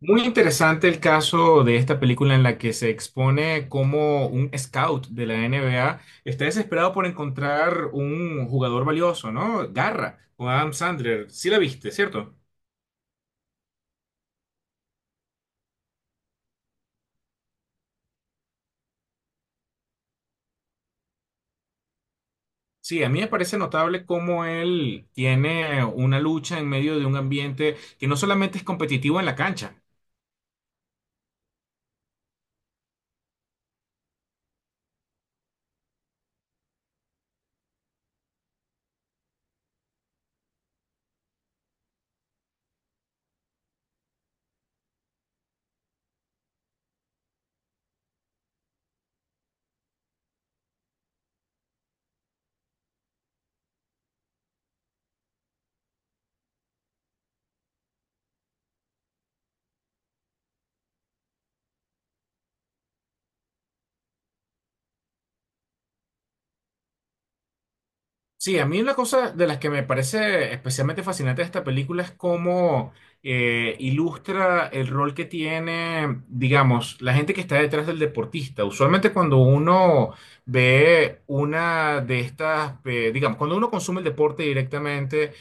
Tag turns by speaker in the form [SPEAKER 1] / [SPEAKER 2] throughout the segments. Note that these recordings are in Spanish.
[SPEAKER 1] Muy interesante el caso de esta película en la que se expone cómo un scout de la NBA está desesperado por encontrar un jugador valioso, ¿no? Garra, o Adam Sandler. Sí la viste, ¿cierto? Sí, a mí me parece notable cómo él tiene una lucha en medio de un ambiente que no solamente es competitivo en la cancha. Sí, a mí una cosa de las que me parece especialmente fascinante de esta película es cómo ilustra el rol que tiene, digamos, la gente que está detrás del deportista. Usualmente cuando uno ve una de estas, digamos, cuando uno consume el deporte directamente,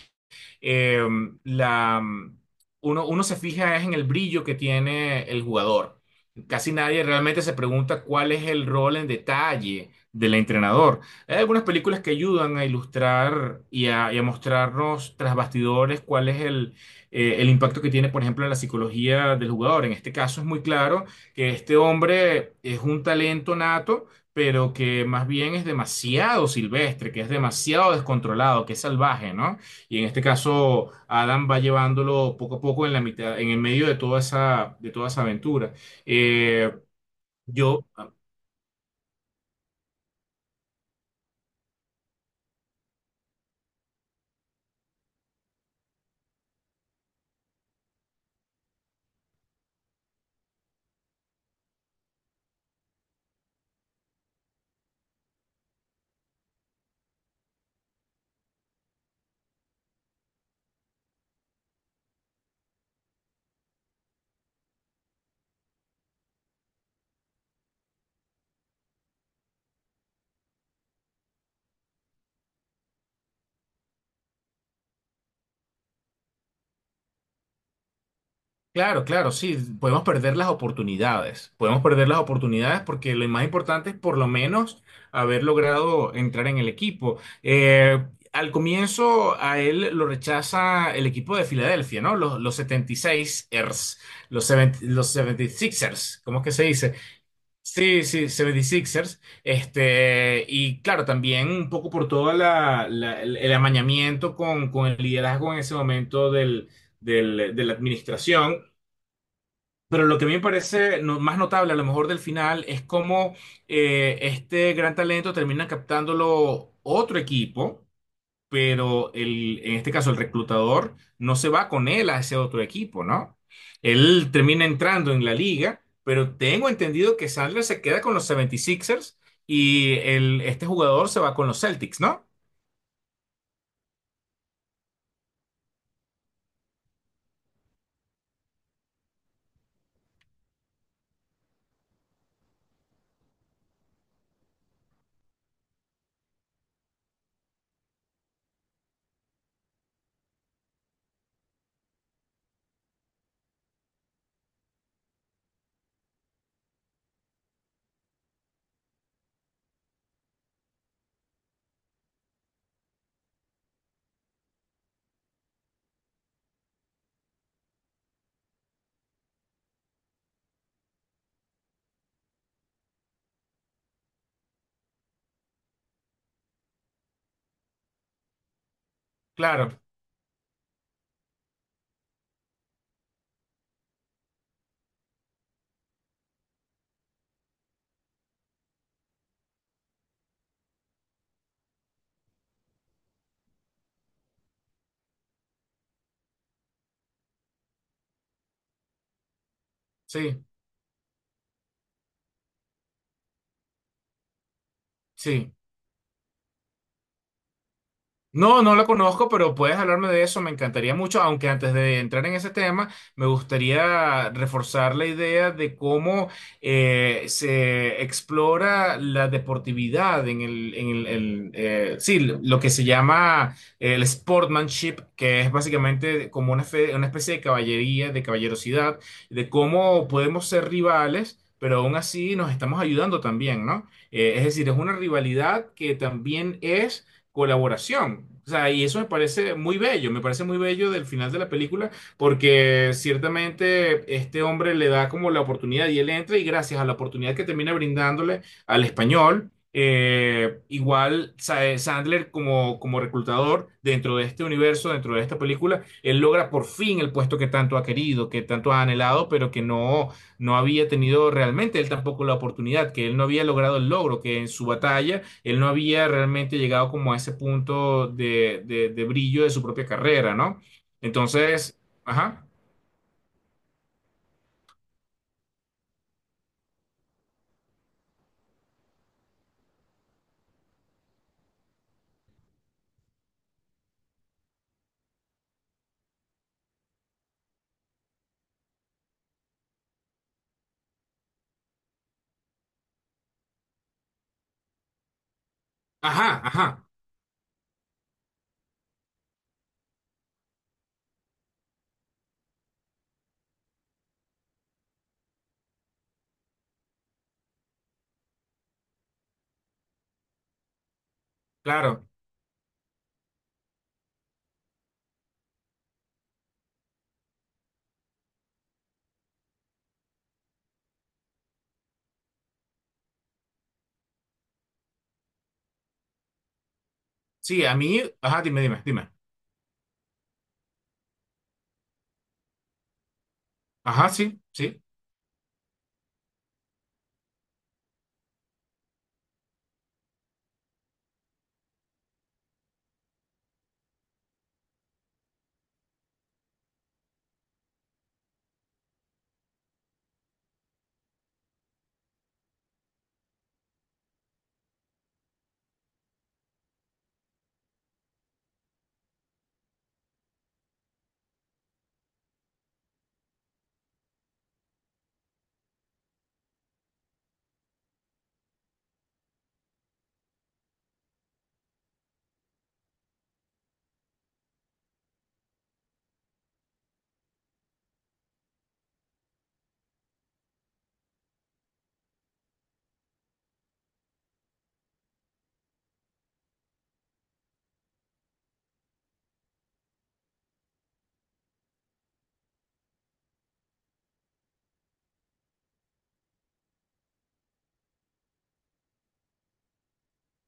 [SPEAKER 1] eh, la, mm, uno se fija es en el brillo que tiene el jugador. Casi nadie realmente se pregunta cuál es el rol en detalle del entrenador. Hay algunas películas que ayudan a ilustrar y a mostrarnos tras bastidores cuál es el impacto que tiene, por ejemplo, en la psicología del jugador. En este caso es muy claro que este hombre es un talento nato, pero que más bien es demasiado silvestre, que es demasiado descontrolado, que es salvaje, ¿no? Y en este caso, Adam va llevándolo poco a poco en la mitad, en el medio de toda esa aventura. Eh, yo, claro, claro, sí, podemos perder las oportunidades. Podemos perder las oportunidades porque lo más importante es por lo menos haber logrado entrar en el equipo. Al comienzo, a él lo rechaza el equipo de Filadelfia, ¿no? Los 76ers, los, 70 los 76ers, ¿cómo es que se dice? Sí, sí, 76ers. Este, y claro, también un poco por todo la, la- el amañamiento con el liderazgo en ese momento del, del- de la administración. Pero lo que a mí me parece no- más notable, a lo mejor del final, es cómo este gran talento termina captándolo otro equipo, pero el, en este caso el reclutador no se va con él a ese otro equipo, ¿no? Él termina entrando en la liga, pero tengo entendido que Sandler se queda con los 76 Sixers y el, este jugador se va con los Celtics, ¿no? Claro, sí, sí. No, no la conozco, pero puedes hablarme de eso, me encantaría mucho, aunque antes de entrar en ese tema, me gustaría reforzar la idea de cómo se explora la deportividad en el, sí, lo que se llama el sportsmanship, que es básicamente como una, fe- una especie de caballería, de caballerosidad, de cómo podemos ser rivales. Pero aún así nos estamos ayudando también, ¿no? Es decir, es una rivalidad que también es colaboración. O sea, y eso me parece muy bello, me parece muy bello del final de la película, porque ciertamente este hombre le da como la oportunidad y él entra y gracias a la oportunidad que termina brindándole al español, igual Sa- Sandler como, como reclutador dentro de este universo, dentro de esta película, él logra por fin el puesto que tanto ha querido, que tanto ha anhelado, pero que no, no había tenido realmente él tampoco la oportunidad, que él no había logrado el logro, que en su batalla él no había realmente llegado como a ese punto de brillo de su propia carrera, ¿no? Entonces, ajá, ajá, ajá, claro. Sí, a mí, ajá, dime, dime, dime. Ajá, sí, sí.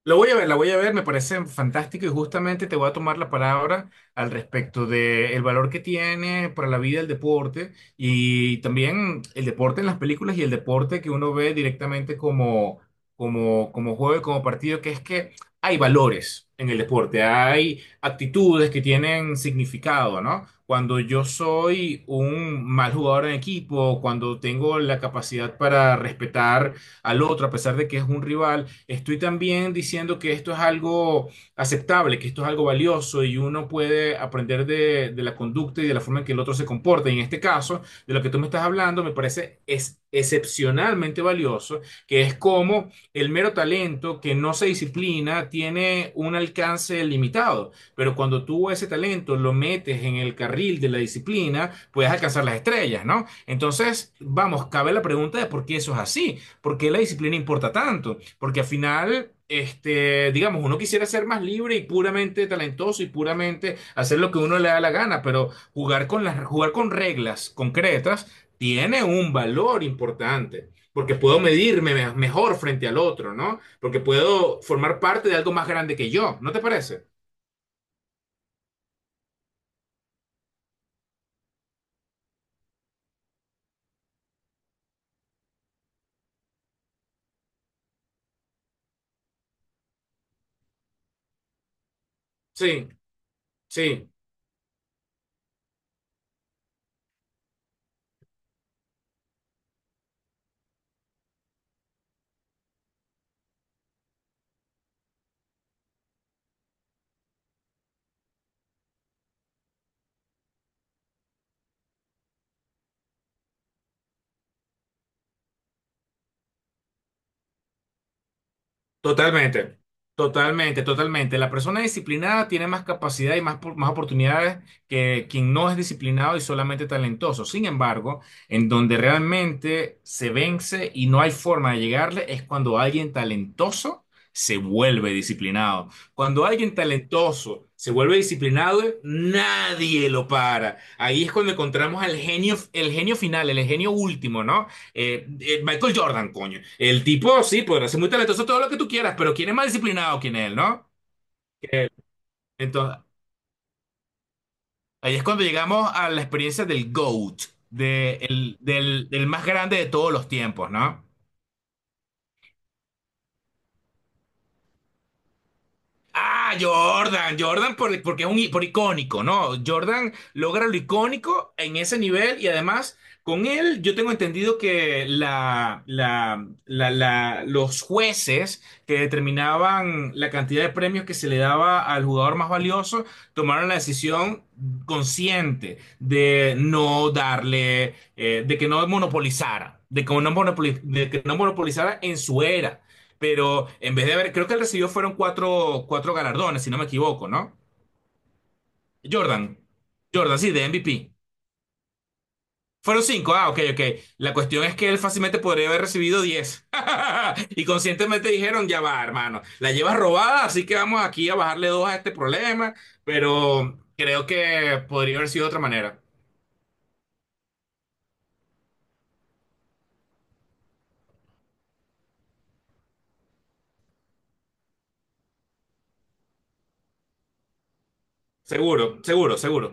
[SPEAKER 1] Lo voy a ver, la voy a ver, me parece fantástico y justamente te voy a tomar la palabra al respecto del valor que tiene para la vida el deporte y también el deporte en las películas y el deporte que uno ve directamente como, como, como juego y como partido, que es que hay valores en el deporte, hay actitudes que tienen significado, ¿no? Cuando yo soy un mal jugador en equipo, cuando tengo la capacidad para respetar al otro a pesar de que es un rival. Estoy también diciendo que esto es algo aceptable, que esto es algo valioso y uno puede aprender de la conducta y de la forma en que el otro se comporta. Y en este caso, de lo que tú me estás hablando, me parece es excepcionalmente valioso, que es como el mero talento que no se disciplina tiene un alcance limitado, pero cuando tú ese talento lo metes en el carril de la disciplina, puedes alcanzar las estrellas, ¿no? Entonces, vamos, cabe la pregunta de por qué eso es así. ¿Por qué la disciplina importa tanto? Porque al final, este, digamos, uno quisiera ser más libre y puramente talentoso y puramente hacer lo que uno le da la gana, pero jugar con las, jugar con reglas concretas tiene un valor importante, porque puedo medirme me- mejor frente al otro, ¿no? Porque puedo formar parte de algo más grande que yo, ¿no te parece? Sí, sí. Totalmente, totalmente, totalmente. La persona disciplinada tiene más capacidad y más, por- más oportunidades que quien no es disciplinado y solamente talentoso. Sin embargo, en donde realmente se vence y no hay forma de llegarle es cuando alguien talentoso se vuelve disciplinado. Cuando alguien talentoso se vuelve disciplinado, nadie lo para. Ahí es cuando encontramos al genio, el genio final, el genio último, ¿no? Michael Jordan, coño. El tipo, sí, podrá ser muy talentoso, todo lo que tú quieras, pero ¿quién es más disciplinado que él, no? Que él. Entonces, ahí es cuando llegamos a la experiencia del GOAT, de el- del, del más grande de todos los tiempos, ¿no? Ah, Jordan, Jordan por- porque es un i- por icónico, ¿no? Jordan logra lo icónico en ese nivel y además con él yo tengo entendido que la- los jueces que determinaban la cantidad de premios que se le daba al jugador más valioso tomaron la decisión consciente de no darle, de que no monopolizara, de que no monopoli- de que no monopolizara en su era. Pero en vez de haber, creo que él recibió fueron 4, cuatro galardones, si no me equivoco, ¿no? Jordan. Jordan, sí, de MVP. Fueron 5, ah, ok, ok. La cuestión es que él fácilmente podría haber recibido 10. Y conscientemente dijeron, ya va, hermano, la llevas robada, así que vamos aquí a bajarle 2 a este problema, pero creo que podría haber sido de otra manera. Seguro, seguro, seguro.